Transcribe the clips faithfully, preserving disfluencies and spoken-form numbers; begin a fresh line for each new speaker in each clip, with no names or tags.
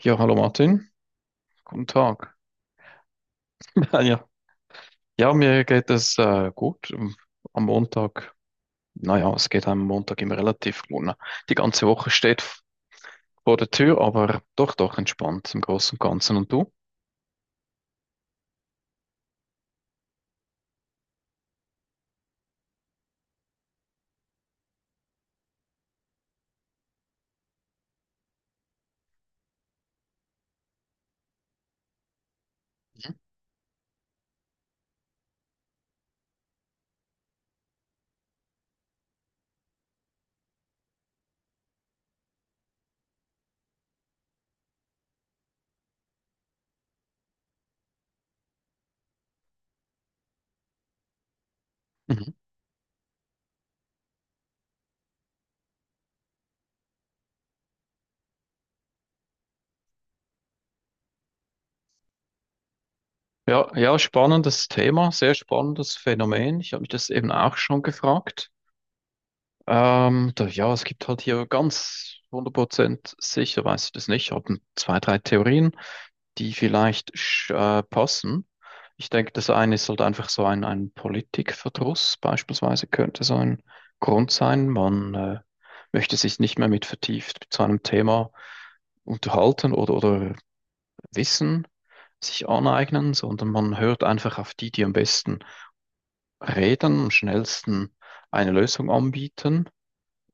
Ja, hallo Martin, guten Tag. Ja, ja, mir geht es äh, gut. Am Montag, naja, es geht einem Montag immer relativ gut. Ne? Die ganze Woche steht f- vor der Tür, aber doch, doch entspannt im Großen und Ganzen. Und du? Mhm. Ja, ja, spannendes Thema, sehr spannendes Phänomen. Ich habe mich das eben auch schon gefragt. Ähm, da, ja, es gibt halt hier ganz hundert Prozent sicher, weiß ich das nicht. Ich habe zwei, drei Theorien, die vielleicht sch- äh, passen. Ich denke, das eine ist halt einfach so ein, ein Politikverdruss, beispielsweise, könnte so ein Grund sein. Man äh, möchte sich nicht mehr mit vertieft zu einem Thema unterhalten oder, oder Wissen sich aneignen, sondern man hört einfach auf die, die am besten reden, am schnellsten eine Lösung anbieten.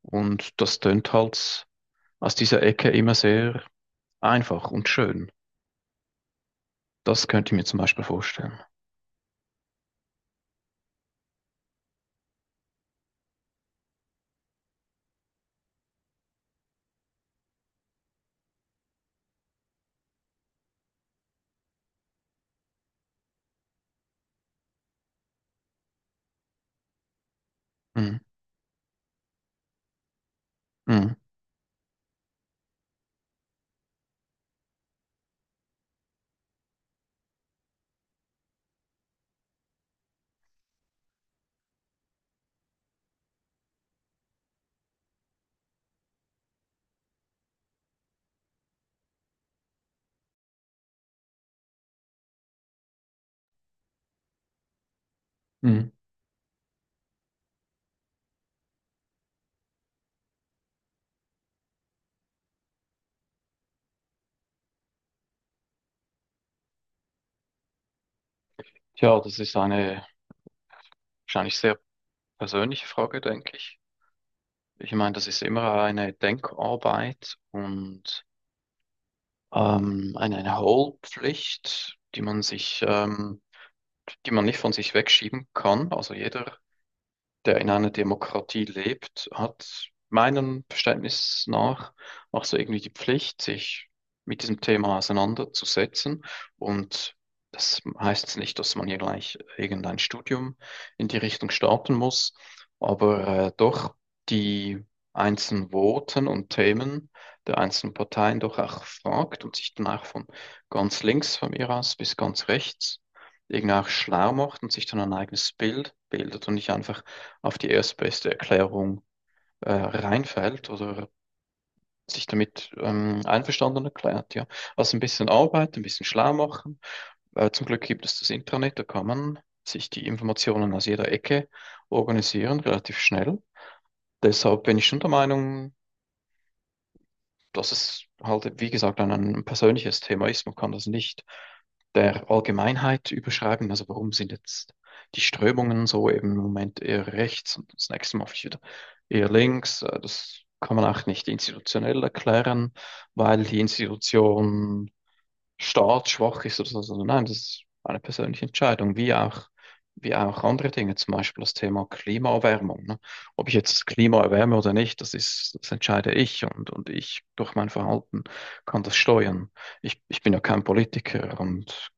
Und das tönt halt aus dieser Ecke immer sehr einfach und schön. Das könnte ich mir zum Beispiel vorstellen. Mhm. Mhm. Mhm. Tja, das ist eine wahrscheinlich sehr persönliche Frage, denke ich. Ich meine, das ist immer eine Denkarbeit und ähm, eine, eine Hohlpflicht, die man sich, ähm, die man nicht von sich wegschieben kann. Also jeder, der in einer Demokratie lebt, hat meinem Verständnis nach auch so irgendwie die Pflicht, sich mit diesem Thema auseinanderzusetzen. Und das heißt jetzt nicht, dass man hier gleich irgendein Studium in die Richtung starten muss, aber äh, doch die einzelnen Voten und Themen der einzelnen Parteien doch auch fragt und sich dann auch von ganz links von mir aus bis ganz rechts irgendwie auch schlau macht und sich dann ein eigenes Bild bildet und nicht einfach auf die erstbeste Erklärung äh, reinfällt oder sich damit ähm, einverstanden erklärt, ja. Also ein bisschen Arbeit, ein bisschen schlau machen. Äh, zum Glück gibt es das Intranet, da kann man sich die Informationen aus jeder Ecke organisieren, relativ schnell. Deshalb bin ich schon der Meinung, das ist halt, wie gesagt, ein, ein persönliches Thema ist. Man kann das nicht der Allgemeinheit überschreiben. Also warum sind jetzt die Strömungen so eben im Moment eher rechts und das nächste Mal wieder eher links? Äh, Das kann man auch nicht institutionell erklären, weil die Institution staatsschwach ist oder so, sondern nein, das ist eine persönliche Entscheidung, wie auch, wie auch andere Dinge, zum Beispiel das Thema Klimaerwärmung. Ne? Ob ich jetzt das Klima erwärme oder nicht, das ist, das entscheide ich und, und ich durch mein Verhalten kann das steuern. Ich, ich bin ja kein Politiker und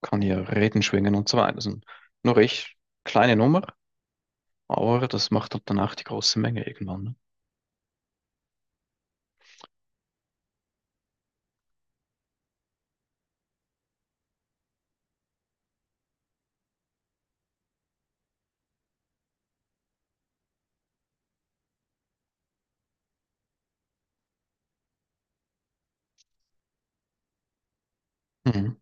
kann hier Reden schwingen und so weiter. Das sind nur ich, kleine Nummer, aber das macht halt dann auch die große Menge irgendwann. Ne? Mhm.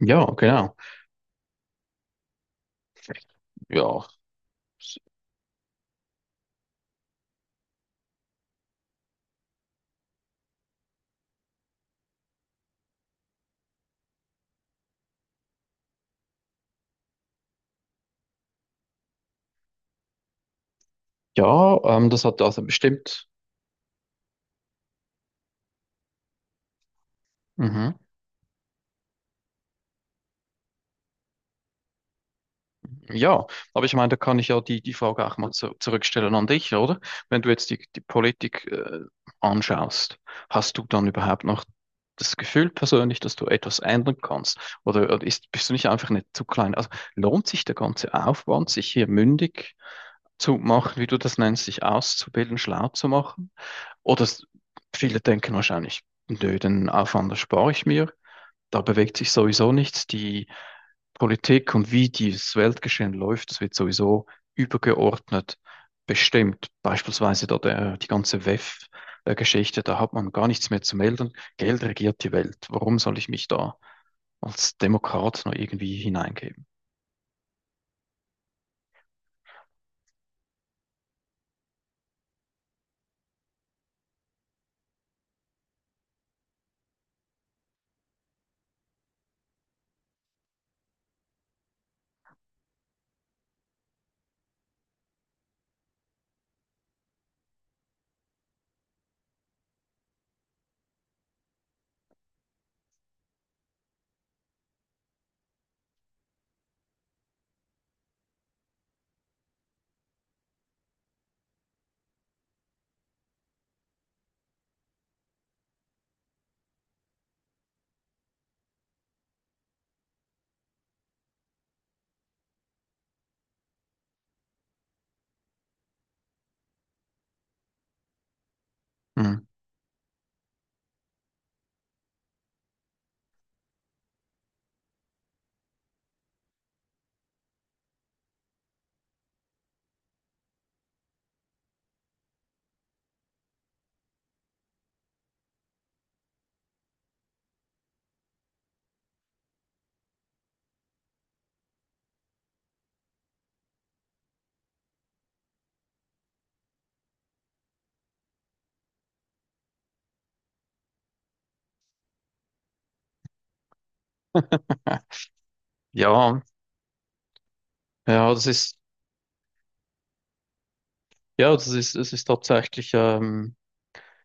Ja, genau. Ja, ja, ähm, das hat also bestimmt. Mhm. Ja, aber ich meine, da kann ich ja die, die Frage auch mal zu, zurückstellen an dich, oder? Wenn du jetzt die, die Politik äh, anschaust, hast du dann überhaupt noch das Gefühl persönlich, dass du etwas ändern kannst? Oder, oder ist, bist du nicht einfach nicht zu klein? Also lohnt sich der ganze Aufwand, sich hier mündig zu machen, wie du das nennst, sich auszubilden, schlau zu machen? Oder s- Viele denken wahrscheinlich, nö, den Aufwand erspare ich mir. Da bewegt sich sowieso nichts. Die Politik und wie dieses Weltgeschehen läuft, das wird sowieso übergeordnet bestimmt. Beispielsweise da der, die ganze W E F-Geschichte, da hat man gar nichts mehr zu melden. Geld regiert die Welt. Warum soll ich mich da als Demokrat noch irgendwie hineingeben? Hm. Ja, ja, das ist, ja, das ist, es ist tatsächlich ähm,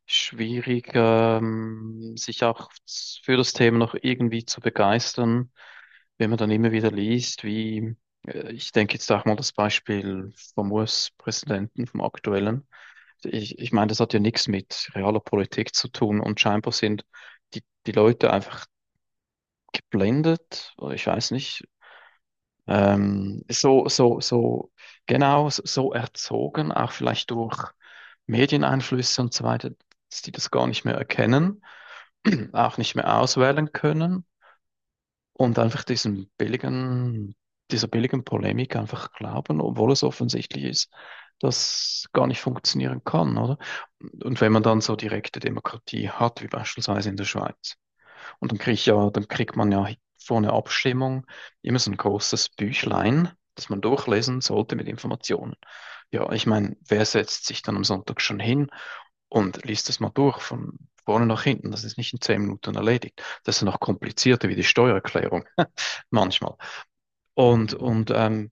schwierig, ähm, sich auch für das Thema noch irgendwie zu begeistern, wenn man dann immer wieder liest, wie äh, ich denke jetzt auch mal das Beispiel vom U S-Präsidenten, vom aktuellen. Ich, ich meine, das hat ja nichts mit realer Politik zu tun und scheinbar sind die, die Leute einfach geblendet, oder ich weiß nicht, ähm, so, so, so, genau, so so erzogen, auch vielleicht durch Medieneinflüsse und so weiter, dass die das gar nicht mehr erkennen auch nicht mehr auswählen können und einfach diesem billigen, dieser billigen Polemik einfach glauben, obwohl es offensichtlich ist, dass gar nicht funktionieren kann, oder? Und wenn man dann so direkte Demokratie hat, wie beispielsweise in der Schweiz, und dann kriegt ja, dann kriegt man ja vor einer Abstimmung immer so ein großes Büchlein, das man durchlesen sollte mit Informationen. Ja, ich meine, wer setzt sich dann am Sonntag schon hin und liest das mal durch von vorne nach hinten. Das ist nicht in zehn Minuten erledigt. Das ist noch komplizierter wie die Steuererklärung manchmal. Und, und ähm,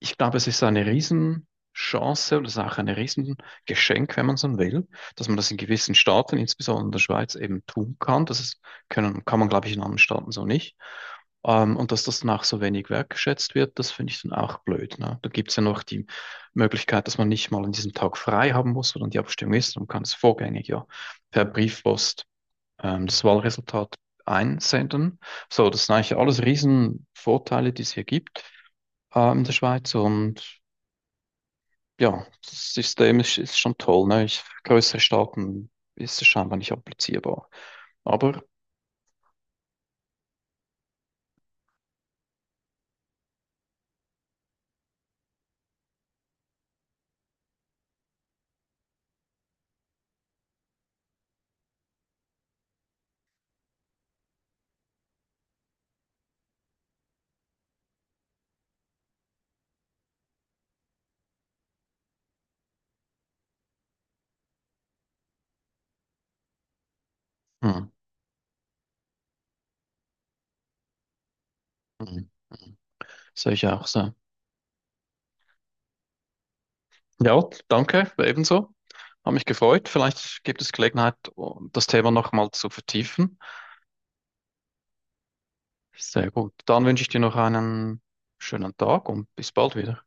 ich glaube, es ist eine Riesenchance und es ist auch ein Riesengeschenk, wenn man so will, dass man das in gewissen Staaten, insbesondere in der Schweiz, eben tun kann. Das ist, können, kann man, glaube ich, in anderen Staaten so nicht. Ähm, und dass das dann auch so wenig wertgeschätzt wird, das finde ich dann auch blöd. Ne? Da gibt es ja noch die Möglichkeit, dass man nicht mal an diesem Tag frei haben muss, sondern die Abstimmung ist. Man kann es vorgängig ja per Briefpost ähm, das Wahlresultat einsenden. So, das sind eigentlich alles Riesenvorteile, die es hier gibt, äh, in der Schweiz. Und ja, das System ist, ist schon toll. Ne? Ich, für größere Staaten ist es scheinbar nicht applizierbar. Aber hm, hm, hm. Sehe ich auch so. Ja, danke, ebenso. Hat mich gefreut. Vielleicht gibt es Gelegenheit, das Thema nochmal zu vertiefen. Sehr gut. Dann wünsche ich dir noch einen schönen Tag und bis bald wieder.